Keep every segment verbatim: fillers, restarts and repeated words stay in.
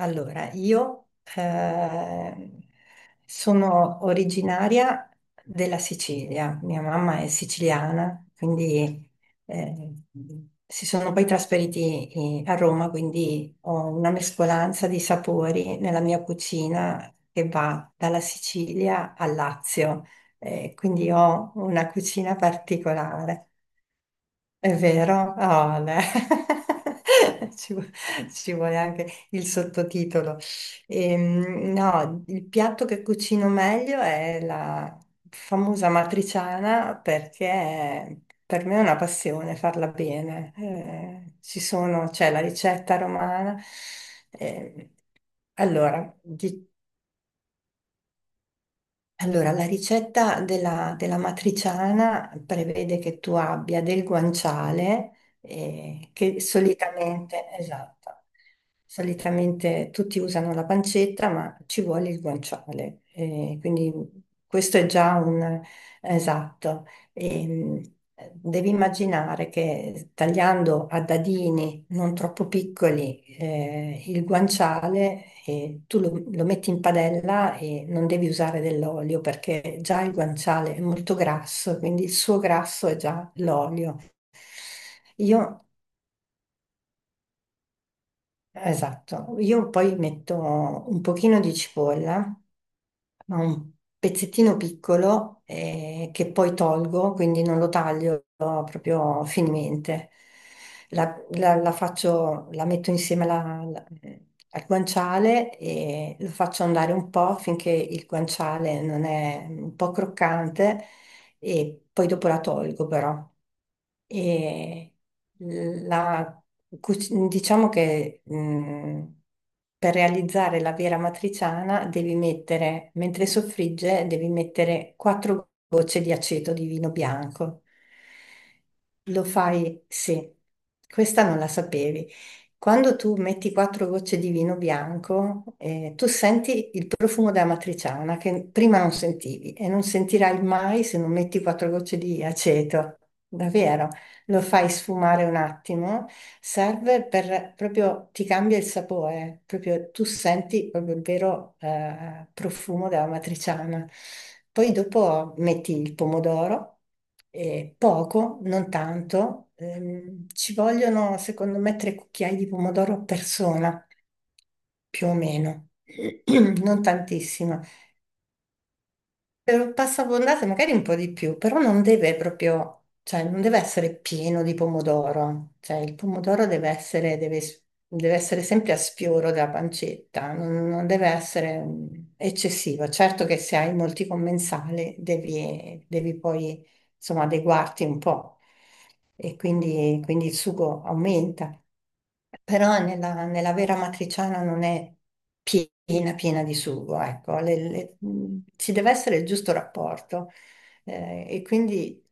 Allora, io eh, sono originaria della Sicilia, mia mamma è siciliana, quindi eh, si sono poi trasferiti eh, a Roma, quindi ho una mescolanza di sapori nella mia cucina che va dalla Sicilia al Lazio, eh, quindi ho una cucina particolare. È vero? Oh, no. Ci, vu- ci vuole anche il sottotitolo. Ehm, no, il piatto che cucino meglio è la famosa matriciana perché per me è una passione farla bene. Eh, ci sono, c'è la ricetta romana. Ehm, allora, di- allora, la ricetta della, della matriciana prevede che tu abbia del guanciale, eh, che solitamente, esatto, solitamente tutti usano la pancetta, ma ci vuole il guanciale. Eh, quindi questo è già un, esatto, e, eh, devi immaginare che tagliando a dadini non troppo piccoli eh, il guanciale, eh, tu lo, lo metti in padella e non devi usare dell'olio perché già il guanciale è molto grasso, quindi il suo grasso è già l'olio. Io, esatto, io poi metto un pochino di cipolla ma un pezzettino piccolo eh, che poi tolgo, quindi non lo taglio proprio finemente. La, la- la faccio, la metto insieme alla- alla- al guanciale e lo faccio andare un po' finché il guanciale non è un po' croccante e poi dopo la tolgo però. E la- cuc- diciamo che mh, per realizzare la vera matriciana devi mettere, mentre soffrigge, devi mettere quattro gocce di aceto di vino bianco. Lo fai, sì, questa non la sapevi. Quando tu metti quattro gocce di vino bianco, eh, tu senti il profumo della matriciana che prima non sentivi e non sentirai mai se non metti quattro gocce di aceto. Davvero? Lo fai sfumare un attimo, serve per proprio ti cambia il sapore, proprio tu senti proprio il vero eh, profumo della matriciana. Poi dopo metti il pomodoro, eh, poco, non tanto, ehm, ci vogliono secondo me tre cucchiai di pomodoro a persona, più o meno, non tantissimo per passabondate magari un po' di più, però non deve proprio, cioè non deve essere pieno di pomodoro, cioè il pomodoro deve essere, deve, deve essere sempre a sfioro della pancetta, non, non deve essere mm, eccessivo. Certo che se hai molti commensali devi, devi poi insomma adeguarti un po' e quindi, quindi il sugo aumenta, però nella, nella vera matriciana non è piena, piena di sugo, ecco, le- le- mh, ci deve essere il giusto rapporto eh, e quindi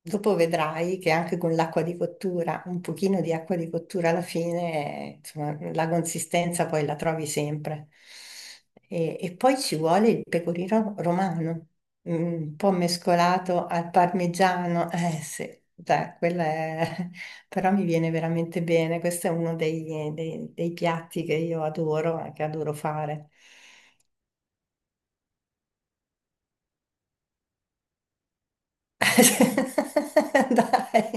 dopo vedrai che anche con l'acqua di cottura, un pochino di acqua di cottura alla fine, eh, insomma, la consistenza poi la trovi sempre. E, e poi ci vuole il pecorino romano, mm, un po' mescolato al parmigiano, eh sì, dai, quella è però mi viene veramente bene. Questo è uno dei, dei- dei piatti che io adoro e che adoro fare. Dai.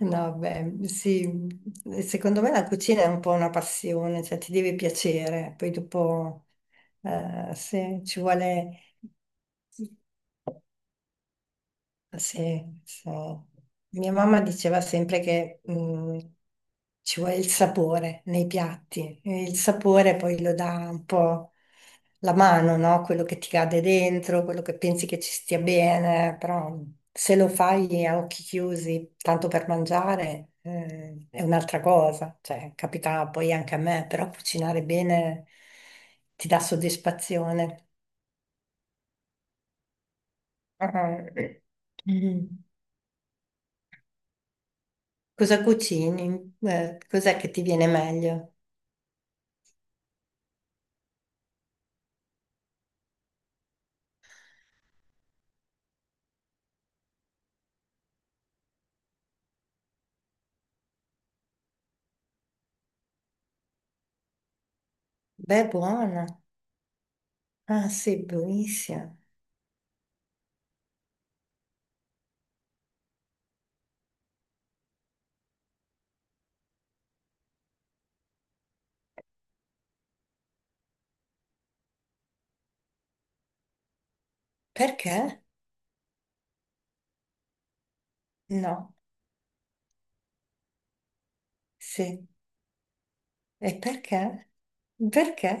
No, beh, sì, secondo me la cucina è un po' una passione, cioè ti deve piacere, poi dopo eh, se ci vuole... Sì, sì. Mia mamma diceva sempre che mh, ci vuole il sapore nei piatti, e il sapore poi lo dà un po' la mano, no? Quello che ti cade dentro, quello che pensi che ci stia bene, però se lo fai a occhi chiusi, tanto per mangiare, eh, è un'altra cosa, cioè capita poi anche a me, però cucinare bene ti dà soddisfazione. Ah. Mm. Cosa cucini? Eh, cos'è che ti viene meglio? Beh, buona. Ah, sì, buonissima. Perché? No. Sì. E perché? Perché?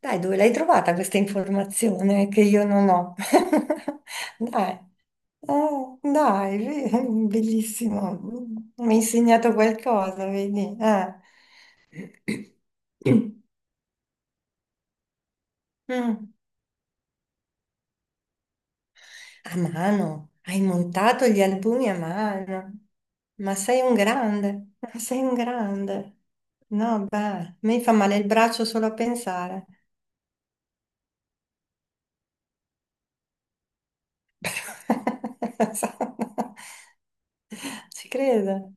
Dai, dove l'hai trovata questa informazione che io non ho? Dai. Oh, dai, be- bellissimo. Mi hai insegnato qualcosa, vedi? Eh. Mm. A mano, hai montato gli albumi a mano. Ma sei un grande, ma sei un grande. No, beh, mi fa male il braccio solo a pensare. Ci credo.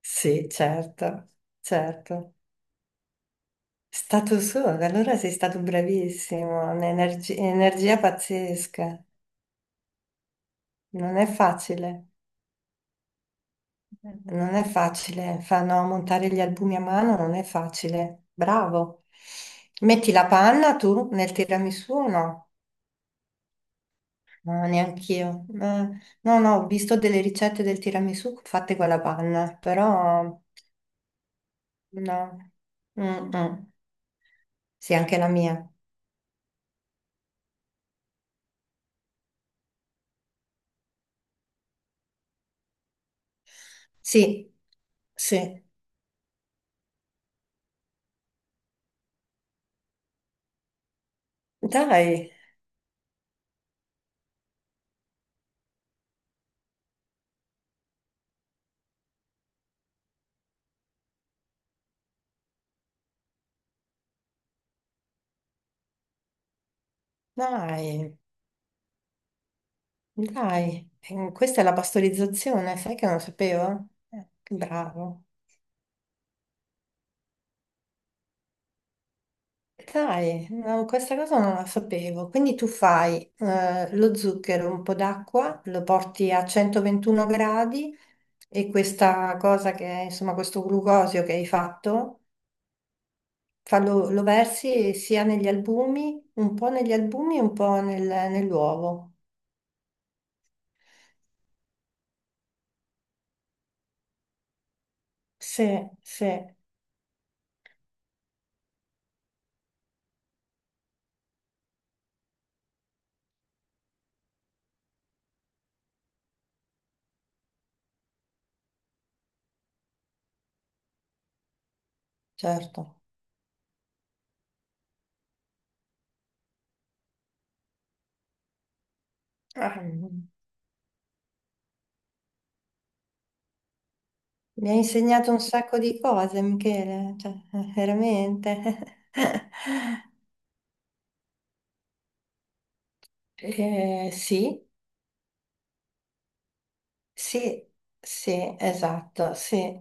Sì, certo, certo. È stato suo, allora sei stato bravissimo, un'energia energia pazzesca. Non è facile. Non è facile, fanno montare gli albumi a mano, non è facile. Bravo. Metti la panna tu nel tiramisù o no? No, neanch'io. Eh, no, no, ho visto delle ricette del tiramisù fatte con la panna, però no. Mm, mm. Sì, anche la mia. Sì, sì. Dai, dai, dai. Eh, Questa è la pastorizzazione, sai che non lo sapevo? Eh, che bravo. Dai, no, questa cosa non la sapevo. Quindi tu fai eh, lo zucchero, un po' d'acqua, lo porti a centoventuno gradi e questa cosa che è, insomma, questo glucosio che hai fatto, fallo- lo versi sia negli albumi, un po' negli albumi e un po' nel- nell'uovo. Sì, sì, certo. Ah, mi hai insegnato un sacco di cose, Michele, cioè, eh, veramente. Eh, sì. Sì, sì, esatto, sì,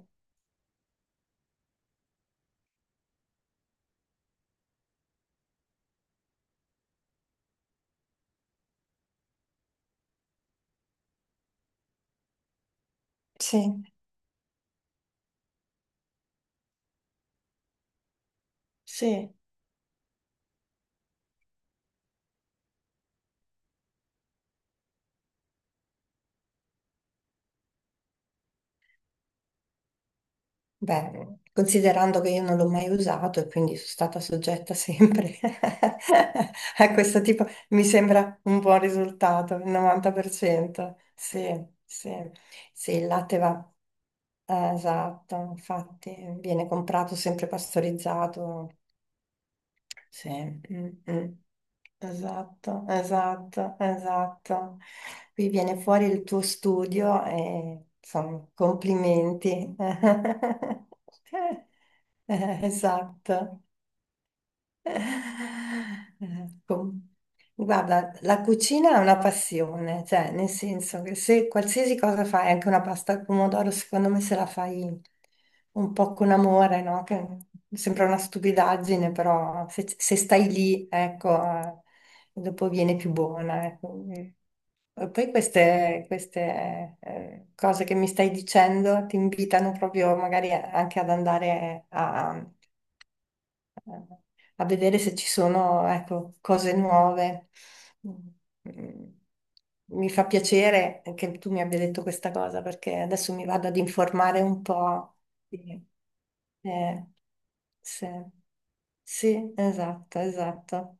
sì, sì. Beh, considerando che io non l'ho mai usato e quindi sono stata soggetta sempre a questo tipo, mi sembra un buon risultato, il novanta per cento. Sì, sì, sì, il latte va, eh, esatto, infatti viene comprato sempre pastorizzato, sì, mm, mm. Esatto, esatto, esatto. Qui viene fuori il tuo studio e insomma, complimenti. Eh, esatto. Eh, com- guarda, la cucina è una passione, cioè nel senso che se qualsiasi cosa fai, anche una pasta al pomodoro, secondo me se la fai un po' con amore, no? Che sembra una stupidaggine, però se, se stai lì, ecco, eh, dopo viene più buona. Ecco. E poi queste, queste, eh, cose che mi stai dicendo ti invitano proprio magari anche ad andare a eh, a vedere se ci sono, ecco, cose nuove. Mm, mi fa piacere che tu mi abbia detto questa cosa perché adesso mi vado ad informare un po'. Sì. Eh, sì. Sì, esatto, esatto.